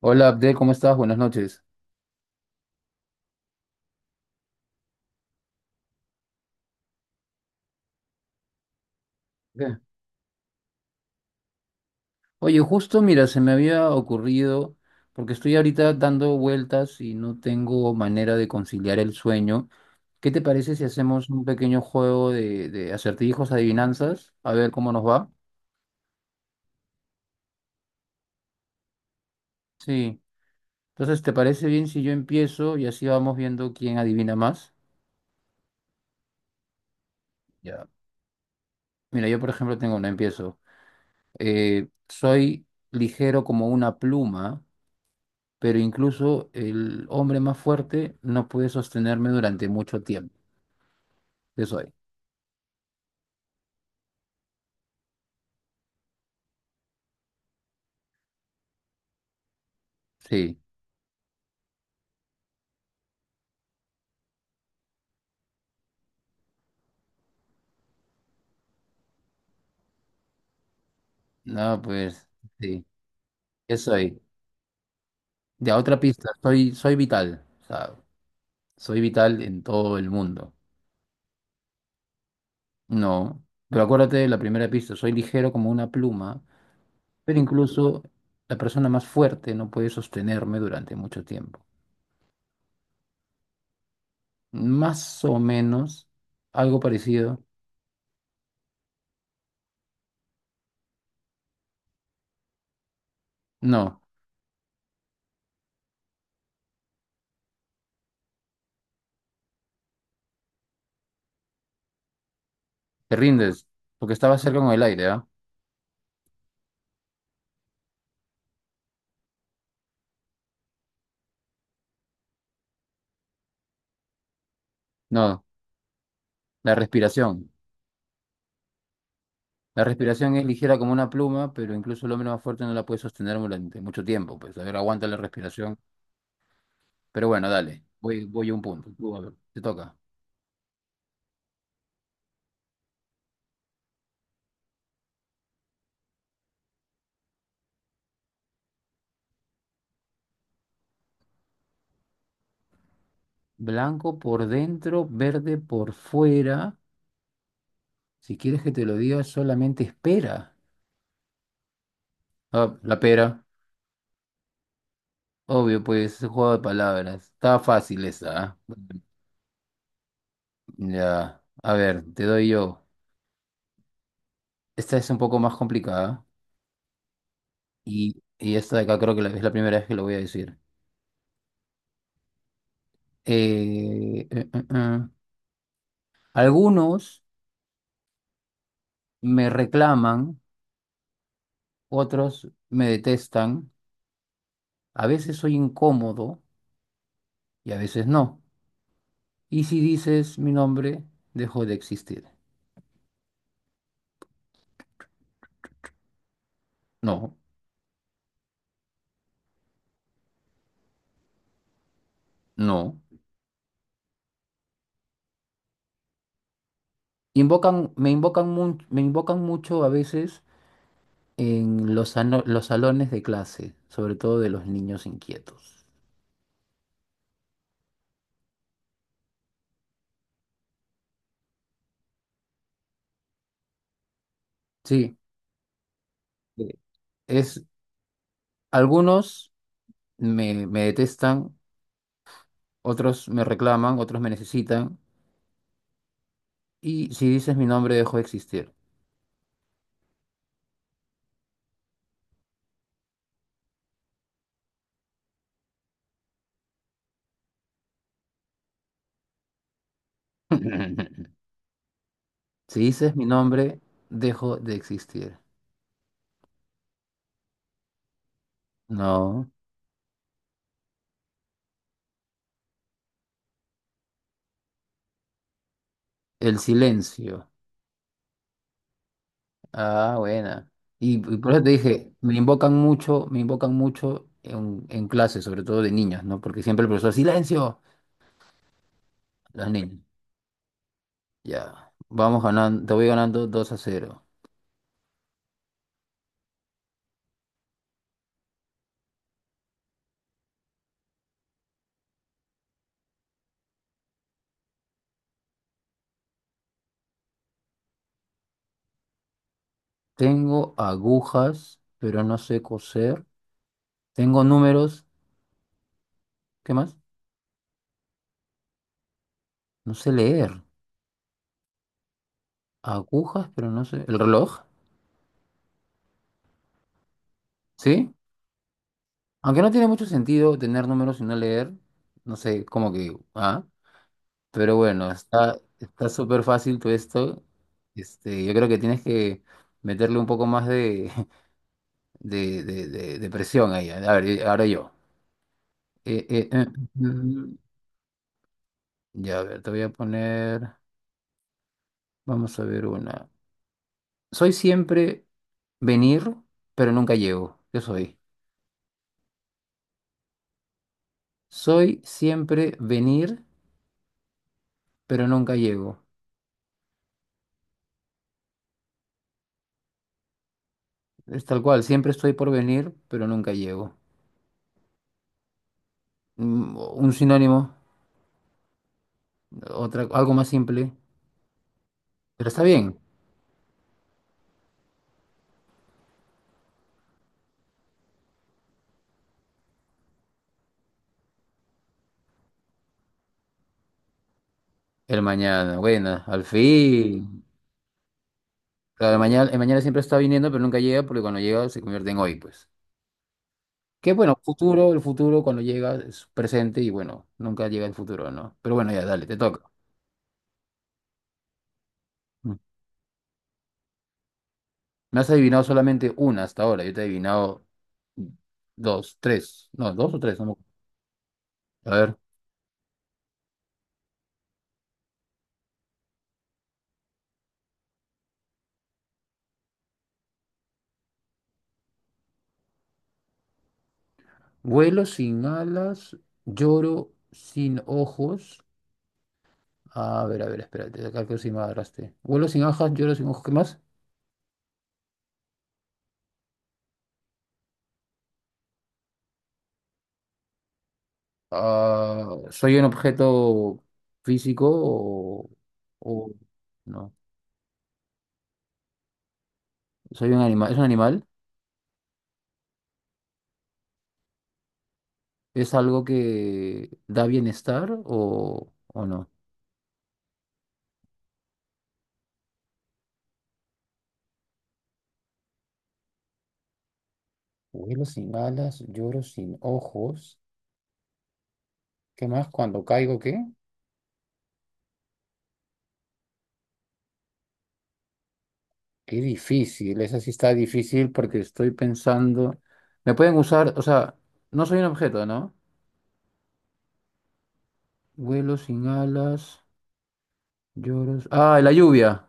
Hola Abdel, ¿cómo estás? Buenas noches. Bien. Oye, justo mira, se me había ocurrido, porque estoy ahorita dando vueltas y no tengo manera de conciliar el sueño. ¿Qué te parece si hacemos un pequeño juego de acertijos, adivinanzas? A ver cómo nos va. Sí. Entonces, ¿te parece bien si yo empiezo y así vamos viendo quién adivina más? Ya. Mira, yo por ejemplo tengo una, empiezo. Soy ligero como una pluma, pero incluso el hombre más fuerte no puede sostenerme durante mucho tiempo. ¿Qué soy? Sí, no, pues sí, ¿qué soy? Ya, otra pista, soy, soy vital, o sea, soy vital en todo el mundo. No, pero acuérdate de la primera pista, soy ligero como una pluma, pero incluso la persona más fuerte no puede sostenerme durante mucho tiempo. Más o menos, algo parecido. No, te rindes, porque estaba cerca con el aire, ¿ah? No, la respiración. La respiración es ligera como una pluma, pero incluso el hombre más fuerte no la puede sostener durante mucho tiempo. Pues, a ver, aguanta la respiración. Pero bueno, dale, voy a un punto. Tú, a ver, te toca. Blanco por dentro, verde por fuera. Si quieres que te lo diga, solamente espera. Ah, la pera. Obvio, pues, es un juego de palabras. Está fácil esa, ¿ah? Bueno, ya, a ver, te doy yo. Esta es un poco más complicada. Y esta de acá creo que es la primera vez que lo voy a decir. Eh, eh, eh, eh. Algunos me reclaman, otros me detestan, a veces soy incómodo y a veces no. Y si dices mi nombre, dejo de existir. No, no. Invocan, me invocan, me invocan mucho a veces en los, los salones de clase, sobre todo de los niños inquietos. Sí, eh, es, algunos me, me detestan, otros me reclaman, otros me necesitan. Y si dices mi nombre, dejo de existir. Si dices mi nombre, dejo de existir. No. El silencio. Ah, buena. Y por eso te dije, me invocan mucho en clase, sobre todo de niñas, ¿no? Porque siempre el profesor, silencio, las niñas. Ya, vamos ganando, te voy ganando 2 a cero. Tengo agujas, pero no sé coser. Tengo números, ¿qué más? No sé leer. Agujas, pero no sé. ¿El reloj? ¿Sí? Aunque no tiene mucho sentido tener números y no leer, no sé, como que, ah, pero bueno, está súper fácil todo esto. Este, yo creo que tienes que meterle un poco más de, de presión ahí. A ver, y ahora yo. Eh, eh, eh, mm, ya, a ver, te voy a poner, vamos a ver una. Soy siempre venir, pero nunca llego. ¿Qué soy? Soy siempre venir, pero nunca llego. Es tal cual, siempre estoy por venir, pero nunca llego. Un sinónimo, otra, algo más simple, pero está bien. El mañana, bueno, al fin. Claro, el mañana siempre está viniendo, pero nunca llega porque cuando llega se convierte en hoy, pues. Que bueno, futuro, el futuro cuando llega es presente y bueno, nunca llega el futuro, ¿no? Pero bueno, ya, dale, te toca. Mm. Me has adivinado solamente una hasta ahora, yo te he adivinado dos, tres, no, dos o tres, no me acuerdo. A ver, vuelo sin alas, lloro sin ojos. A ver, espérate, acá que sin agarraste. Vuelo sin ajas, lloro sin ojos, ¿qué más? Ah, ¿soy un objeto físico o no? ¿Soy un animal? ¿Es un animal? ¿Es algo que da bienestar o no? Vuelo sin alas, lloro sin ojos. ¿Qué más? Cuando caigo, ¿qué? Qué difícil, esa sí está difícil porque estoy pensando. Me pueden usar, o sea, no soy un objeto, ¿no? Vuelo sin alas. Lloros. Ah, la lluvia.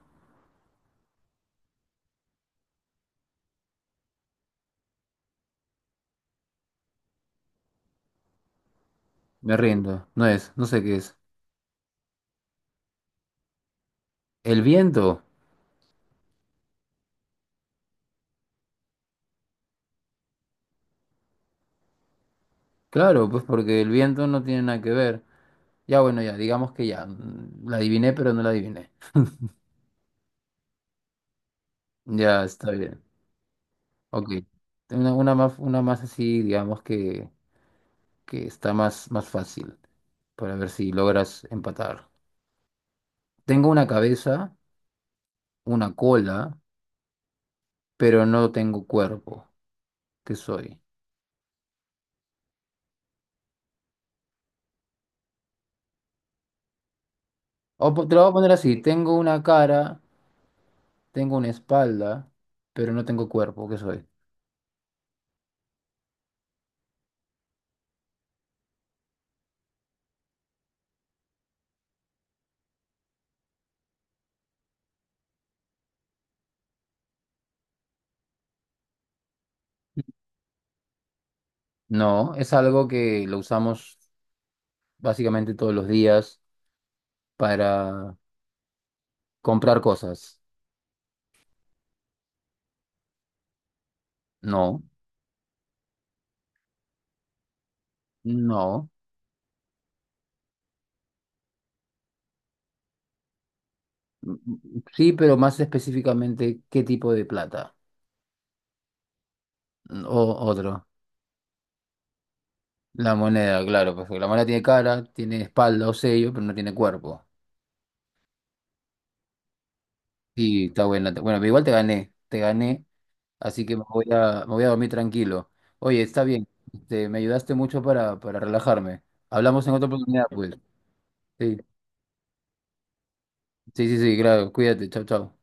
Me rindo. No es, no sé qué es. El viento. Claro, pues porque el viento no tiene nada que ver. Ya, bueno, ya, digamos que ya. La adiviné, pero no la adiviné. Ya, está bien. Ok. Una más, una más así, digamos que está más, más fácil. Para ver si logras empatar. Tengo una cabeza, una cola, pero no tengo cuerpo. ¿Qué soy? Te lo voy a poner así. Tengo una cara. Tengo una espalda, pero no tengo cuerpo, ¿qué soy? No, es algo que lo usamos básicamente todos los días para comprar cosas. No, no. Mm, mm, sí, pero más específicamente, ¿qué tipo de plata? Mm, o otro. La moneda, claro, pues porque la moneda tiene cara, tiene espalda o sello, pero no tiene cuerpo. Sí, está buena. Bueno, pero igual te gané. Te gané. Así que me voy a dormir tranquilo. Oye, está bien. Este, me ayudaste mucho para relajarme. Hablamos en otra oportunidad, pues. Sí, sí, sí, sí, claro. Cuídate. Chao, chao.